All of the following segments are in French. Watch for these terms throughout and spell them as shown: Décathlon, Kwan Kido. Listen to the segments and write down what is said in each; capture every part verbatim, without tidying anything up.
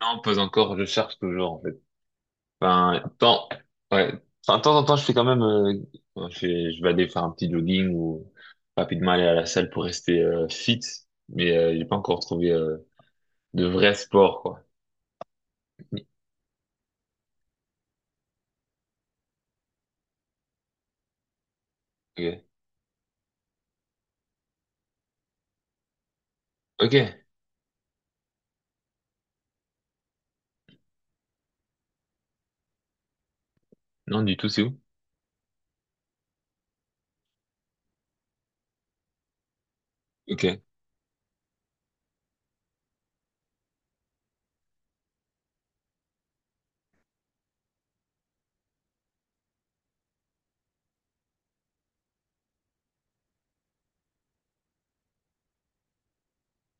Non, pas encore, je cherche toujours, en fait. Enfin, tant, ouais. Enfin, de temps en temps, je fais quand même, euh, je, fais- je vais aller faire un petit jogging ou rapidement aller à la salle pour rester euh, fit, mais euh, j'ai pas encore trouvé euh, de vrai sport, quoi. Ok. Ok. Non, du tout, c'est où? Ok.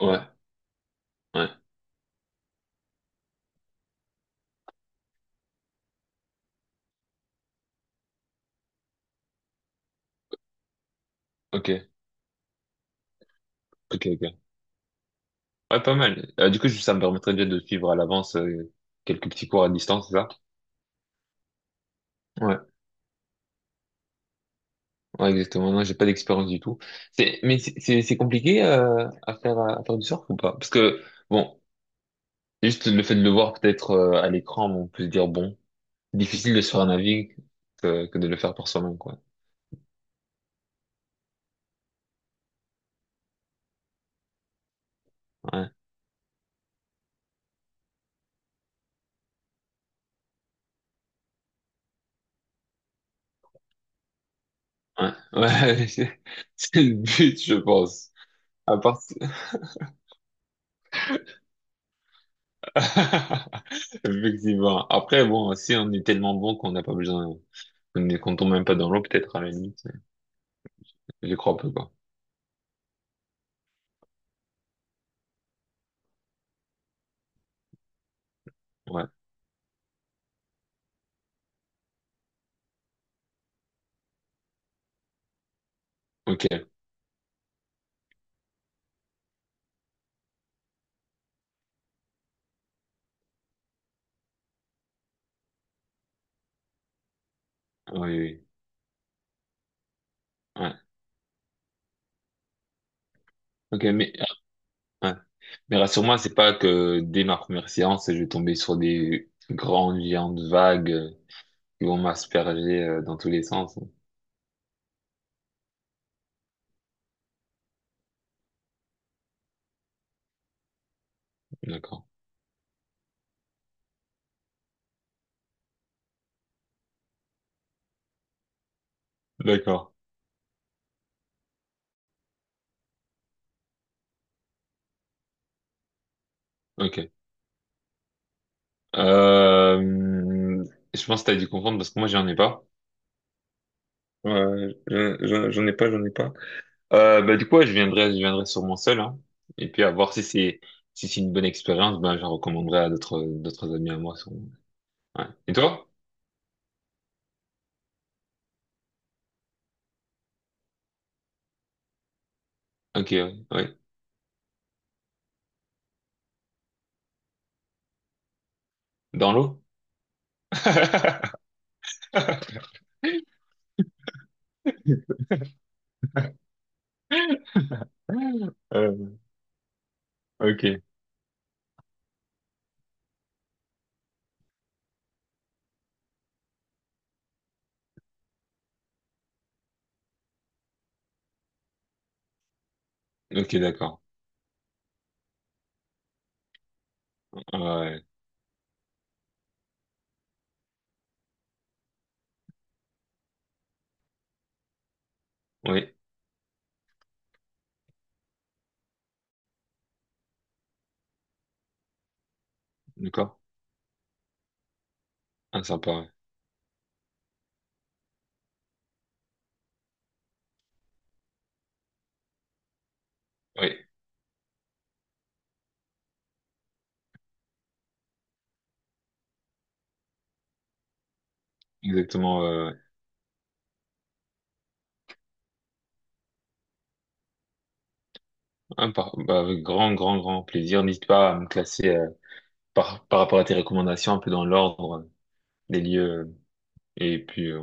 Ouais. Ouais. Ok. Ok, ok. Ouais, pas mal. Euh, du coup, ça me permettrait déjà de suivre à l'avance euh, quelques petits cours à distance, c'est ça? Ouais. Ouais, exactement. Non, j'ai pas d'expérience du tout. C'est, mais c'est c'est- c'est compliqué euh, à faire à faire du surf ou pas? Parce que bon, juste le fait de le voir peut-être euh, à l'écran, on peut se dire bon, difficile de se faire un avis que, que de le faire par soi-même, quoi. Ouais, ouais, ouais. C'est c'est le but, je pense. À part si- effectivement. Après, bon, si on est tellement bon qu'on n'a pas besoin, qu'on ne qu'on tombe même pas dans l'eau, peut-être à la limite. Je crois un peu, quoi. Ouais. Ok. Oui, oui. Ouais. Ok, mais euh, ouais. Mais rassure-moi, c'est pas que dès ma première séance, je vais tomber sur des grandes géantes vagues euh, qui vont m'asperger euh, dans tous les sens. D'accord. D'accord. Ok. Euh, je pense que t'as dû comprendre parce que moi, j'en ai pas. Euh, je- je- j'en ai pas, j'en ai pas. Euh, bah, du coup, ouais, je viendrai, je viendrai sûrement seul, hein. Et puis, à voir si c'est, si c'est une bonne expérience, ben, je la recommanderai à d'autres, d'autres amis à moi, sûrement. Ouais. Et toi? Ok, ouais. Ouais. Dans l'eau? Euh, ok. Ok, d'accord. Ah ouais. Oui, d'accord. Ah, sympa. Ouais. Oui, exactement. euh, ah, par- bah, avec grand, grand, grand plaisir. N'hésite pas à me classer euh, par, par rapport à tes recommandations, un peu dans l'ordre euh, des lieux. euh, et puis, euh,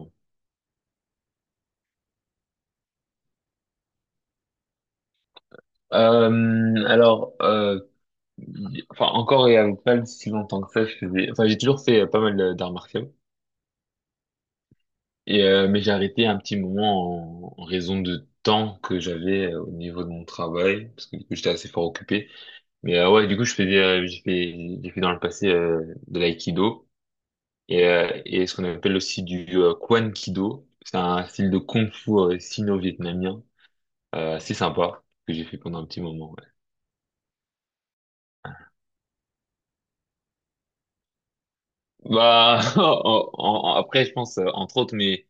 euh, alors, euh, y- enfin, encore et avec pas si longtemps que ça, je faisais. Enfin, j'ai toujours fait euh, pas mal euh, d'arts martiaux. Et euh, mais j'ai arrêté un petit moment en, en raison de temps que j'avais euh, au niveau de mon travail, parce que du coup, j'étais assez fort occupé. Mais euh, ouais, du coup, je faisais, euh, j'ai fait, j'ai fait dans le passé euh, de l'aïkido et, euh, et ce qu'on appelle aussi du euh, Kwan Kido. C'est un style de kung-fu euh, sino-vietnamien, euh, assez sympa que j'ai fait pendant un petit moment. Ouais. Bah, en- en- après, je pense euh, entre autres, mais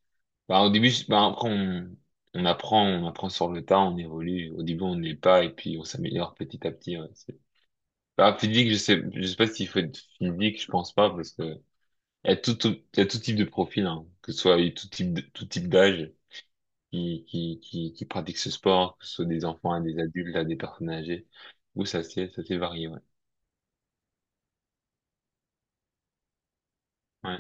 bah, au début, je- bah, après on, on apprend, on apprend sur le tas, on évolue. Au début, on n'est pas et puis on s'améliore petit à petit. Ouais. C'est- Bah, physique, je sais, je sais pas s'il faut être physique, je pense pas parce que il y a tout, tout- il y a tout type de profil, hein, que ce soit il y a tout type de- tout type d'âge qui, qui, qui, qui pratique ce sport, que ce soit des enfants à des adultes, à des personnes âgées. Ou ça c'est ça c'est varié, ouais. Ouais.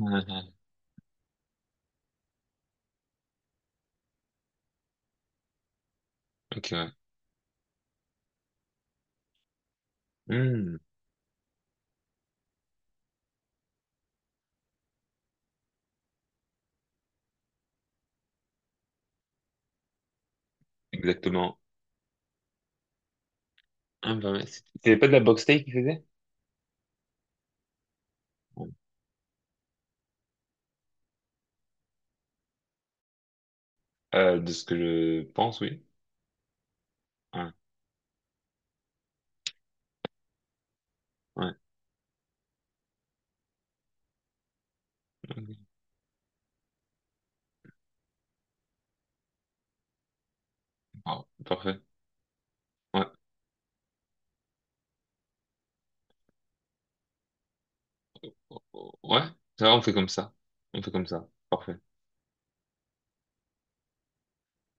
Ouais, ouais. Ok, ouais. Hmm, exactement. Ah, bah ouais, c'est- C'était pas de la boxe thaï qu'il faisait? Ouais. Euh, de ce que je pense, oui. Ouais, ouais. Ok. Wow, parfait. Ouais. Ouais, ça va, on fait comme ça. On fait comme ça. Parfait.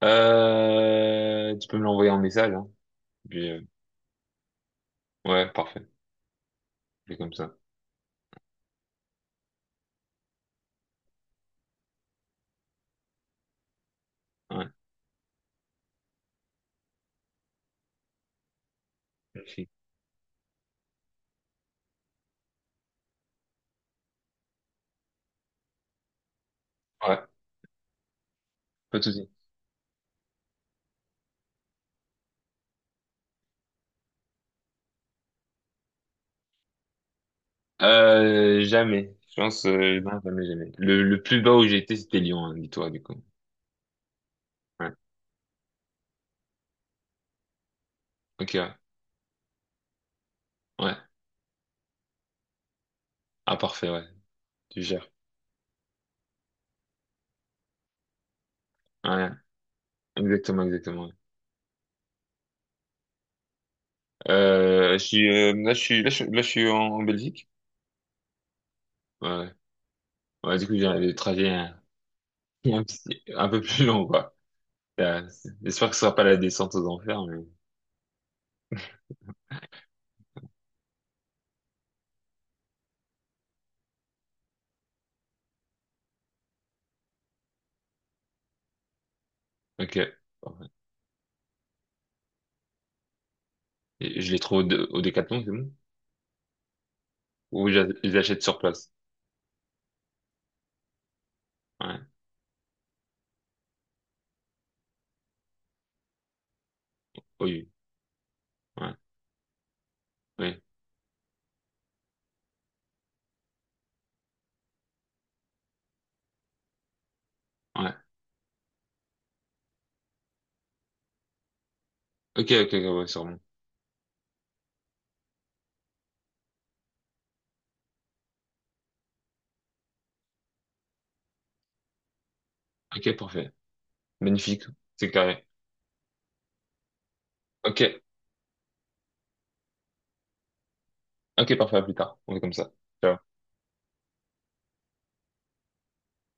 Euh, tu peux me l'envoyer en message, hein. Puis, euh, ouais, parfait. On fait comme ça. Ouais, merci. Ouais, pas de souci. Euh, jamais. Je pense, euh, non, jamais, jamais. Le, le plus bas où j'ai été, c'était Lyon, hein, dis-toi, du coup. Ouais. Ok, ouais. Ouais. Ah, parfait, ouais. Tu gères. Ouais. Exactement, exactement. Euh, je suis, euh, là, je suis, là, je, là, je suis en, en Belgique. Ouais. Ouais, ouais, du coup, j'ai le trajet hein, un, petit- un peu plus long, quoi. Euh, c'est- J'espère que ce sera pas la descente aux enfers, mais, ok. Parfait. Et je les trouve au, Dé- au Décathlon, c'est bon? Ou je je les achète sur place? Ouais. Oui. Ouais. Oui. Ouais. Ok, ok, ok, ouais, sûrement. Ok, parfait. Magnifique. C'est carré. Ok, ok, parfait, à plus tard. On fait comme ça. Ciao.